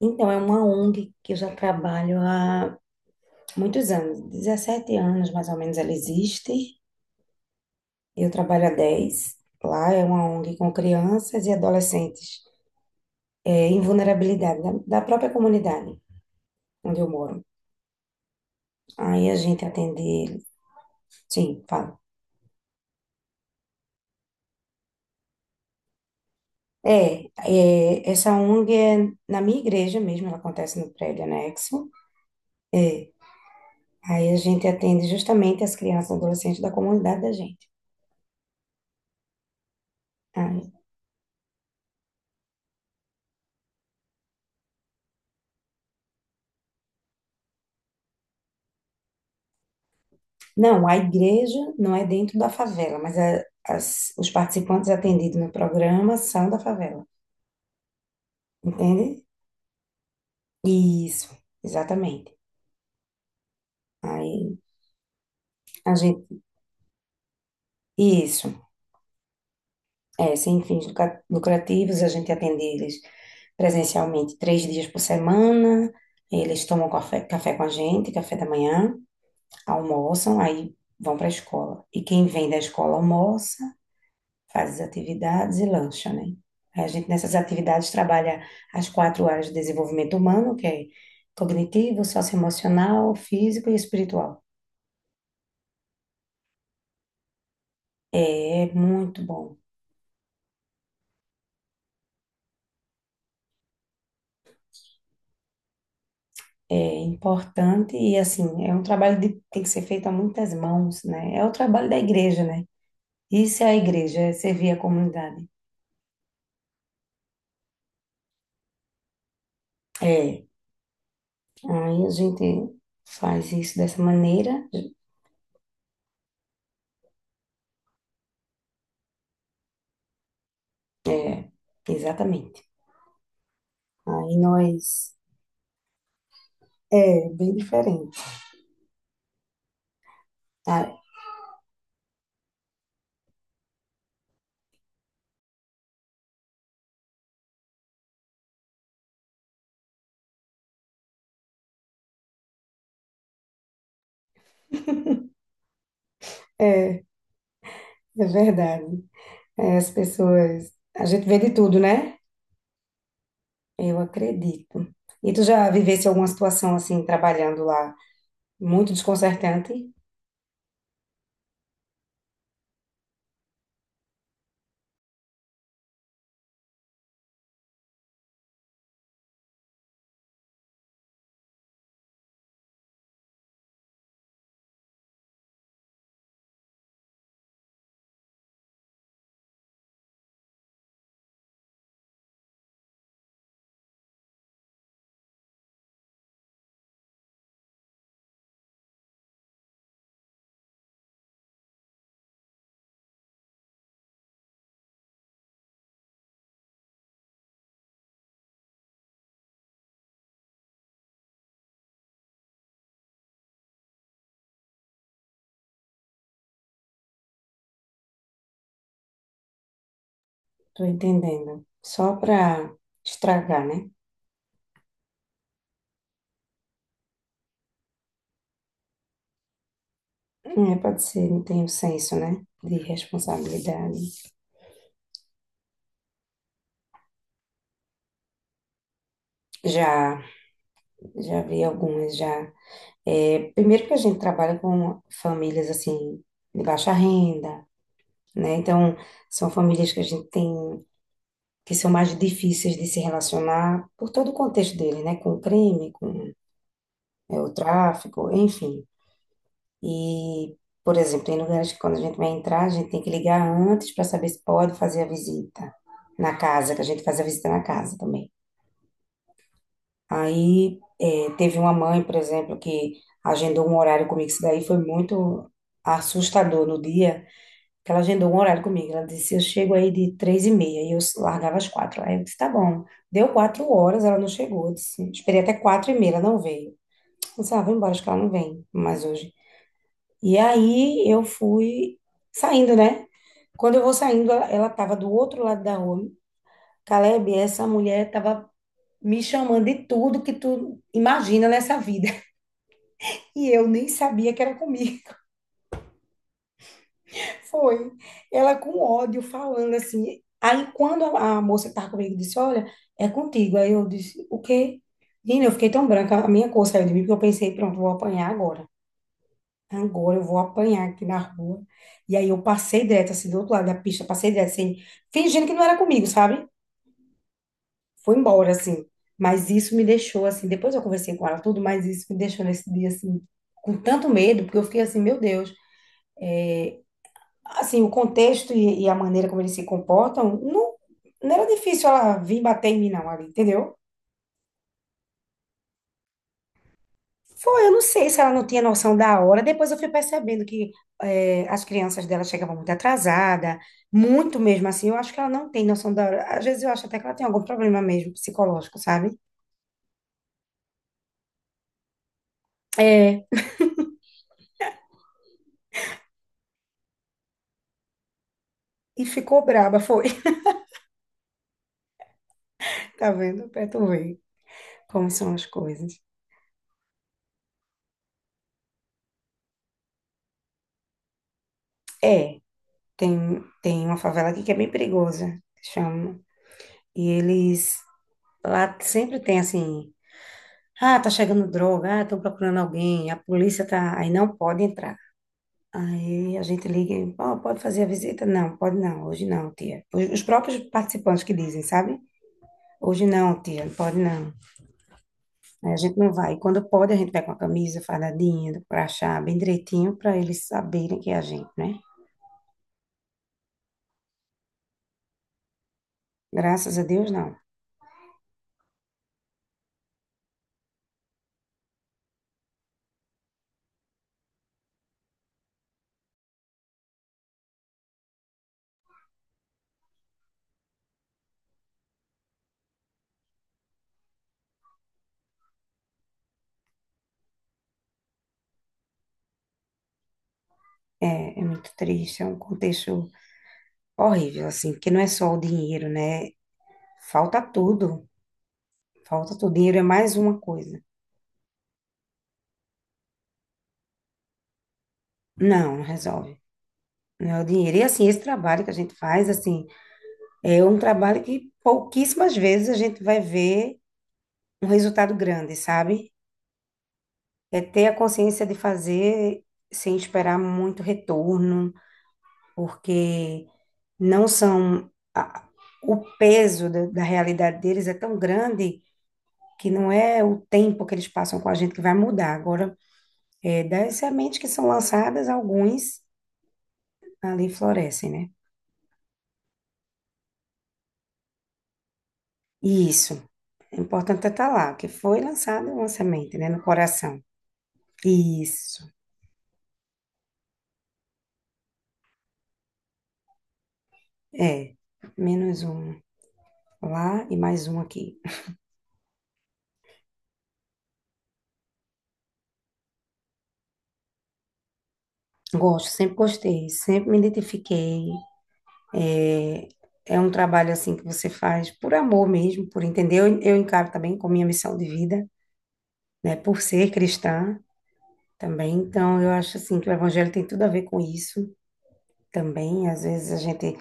Então, é uma ONG que eu já trabalho há muitos anos, 17 anos mais ou menos ela existe. Eu trabalho há 10. Lá é uma ONG com crianças e adolescentes é, em vulnerabilidade da própria comunidade onde eu moro. Aí a gente atende eles. Sim, fala. É, essa ONG é na minha igreja mesmo, ela acontece no prédio anexo. É, aí a gente atende justamente as crianças e adolescentes da comunidade da gente. Ah, não, a igreja não é dentro da favela, mas os participantes atendidos no programa são da favela, entende? Isso, exatamente. Aí a gente, isso, é, sem fins lucrativos, a gente atende eles presencialmente 3 dias por semana. Eles tomam café, café com a gente, café da manhã, almoçam, aí vão para a escola. E quem vem da escola almoça, faz as atividades e lancha, né? Aí a gente nessas atividades trabalha as quatro áreas de desenvolvimento humano, que é cognitivo, socioemocional, físico e espiritual. É, é muito bom, é importante e assim, é um trabalho que tem que ser feito a muitas mãos, né? É o trabalho da igreja, né? Isso é a igreja, é servir a comunidade. É, aí a gente faz isso dessa maneira, é, exatamente. Aí nós, é bem diferente. Ah, é. É verdade. É, as pessoas. A gente vê de tudo, né? Eu acredito. E tu já vivesse alguma situação assim, trabalhando lá, muito desconcertante? Tô entendendo. Só pra estragar, né? É, pode ser, não tem o senso, né? De responsabilidade. Já, já vi algumas já. É, primeiro que a gente trabalha com famílias assim de baixa renda, né? Então, são famílias que a gente tem que são mais difíceis de se relacionar por todo o contexto dele, né? Com o crime, com é, o tráfico, enfim. E, por exemplo, tem lugares que quando a gente vai entrar, a gente tem que ligar antes para saber se pode fazer a visita na casa, que a gente faz a visita na casa também. Aí é, teve uma mãe, por exemplo, que agendou um horário comigo. Isso daí foi muito assustador no dia, que ela agendou um horário comigo. Ela disse, eu chego aí de 3:30, e eu largava às 4 horas. Aí eu disse, tá bom. Deu 4 horas, ela não chegou. Eu disse, esperei até 4:30, ela não veio. Eu disse, ah, vou embora, acho que ela não vem mais hoje. E aí eu fui saindo, né? Quando eu vou saindo, ela tava do outro lado da rua. Caleb, essa mulher tava me chamando de tudo que tu imagina nessa vida. E eu nem sabia que era comigo. Foi. Ela com ódio falando assim. Aí quando a moça que estava comigo disse, olha, é contigo. Aí eu disse, o quê? Menina, eu fiquei tão branca, a minha cor saiu de mim, porque eu pensei, pronto, vou apanhar agora. Agora eu vou apanhar aqui na rua. E aí eu passei direto, assim, do outro lado da pista, passei direto, assim, fingindo que não era comigo, sabe? Foi embora, assim. Mas isso me deixou, assim, depois eu conversei com ela tudo, mas isso me deixou nesse dia, assim, com tanto medo, porque eu fiquei assim, meu Deus. Assim, o contexto e a maneira como eles se comportam, não, não era difícil ela vir bater em mim, não, ali, entendeu? Foi, eu não sei se ela não tinha noção da hora. Depois eu fui percebendo que é, as crianças dela chegavam muito atrasada, muito mesmo assim. Eu acho que ela não tem noção da hora. Às vezes eu acho até que ela tem algum problema mesmo psicológico, sabe? É, e ficou braba, foi. Tá vendo? Pra tu ver como são as coisas. É, tem uma favela aqui que é bem perigosa, chama. E eles lá sempre tem assim, ah, tá chegando droga, ah, estão procurando alguém, a polícia tá, aí não pode entrar. Aí a gente liga, e, ó, pode fazer a visita? Não, pode não, hoje não, tia. Os próprios participantes que dizem, sabe? Hoje não, tia, não pode não. Aí a gente não vai. E quando pode, a gente vai com a camisa fardadinha, do crachá, bem direitinho, para eles saberem que é a gente, né? Graças a Deus, não. É, é muito triste, é um contexto horrível, assim, porque não é só o dinheiro, né? Falta tudo. Falta tudo. Dinheiro é mais uma coisa. Não, não resolve. Não é o dinheiro. E assim, esse trabalho que a gente faz, assim, é um trabalho que pouquíssimas vezes a gente vai ver um resultado grande, sabe? É ter a consciência de fazer sem esperar muito retorno, porque não são. a- o peso da, da realidade deles é tão grande que não é o tempo que eles passam com a gente que vai mudar. Agora, é, das sementes que são lançadas, alguns ali florescem, né? Isso. É importante estar lá, porque foi lançado uma semente, né, no coração. Isso. É. Menos um lá e mais um aqui. Gosto, sempre gostei, sempre me identifiquei. É, é um trabalho assim que você faz por amor mesmo, por entender. Eu encaro também como minha missão de vida, né, por ser cristã também. Então, eu acho assim que o evangelho tem tudo a ver com isso também. Às vezes a gente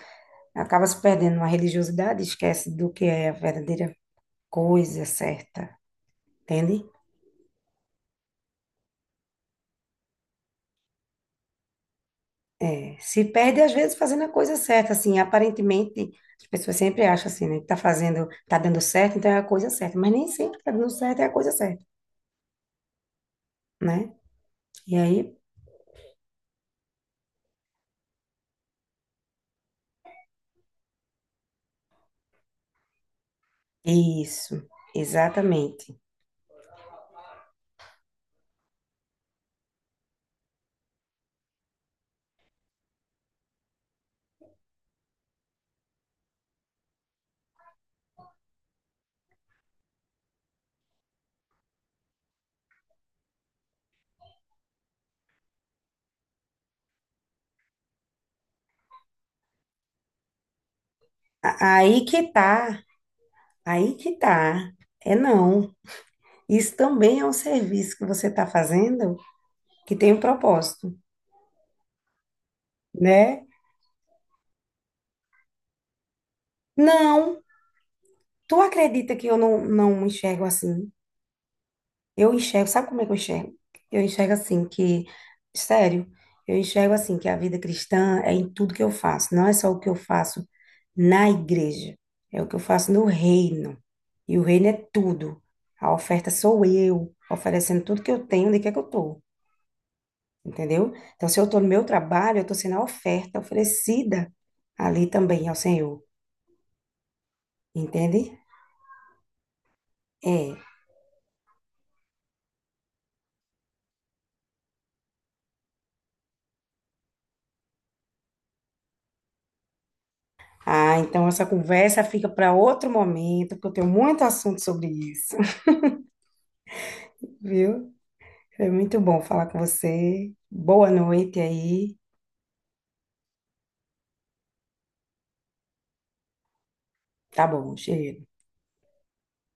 acaba se perdendo na religiosidade, esquece do que é a verdadeira coisa certa, entende? É, se perde, às vezes, fazendo a coisa certa, assim, aparentemente, as pessoas sempre acham assim, né, que tá fazendo, tá dando certo, então é a coisa certa, mas nem sempre tá dando certo é a coisa certa, né? E aí, isso, exatamente. A- Aí que tá, aí que tá, é não. Isso também é um serviço que você tá fazendo que tem um propósito, né? Não, tu acredita que eu não, não enxergo assim? Eu enxergo, sabe como é que eu enxergo? Eu enxergo assim que, sério, eu enxergo assim que a vida cristã é em tudo que eu faço, não é só o que eu faço na igreja, é o que eu faço no reino. E o reino é tudo. A oferta sou eu, oferecendo tudo que eu tenho, onde quer que eu tô, entendeu? Então, se eu tô no meu trabalho, eu tô sendo a oferta oferecida ali também ao Senhor, entende? É. Ah, então essa conversa fica para outro momento, porque eu tenho muito assunto sobre isso. Viu? Foi muito bom falar com você. Boa noite aí. Tá bom, cheiro.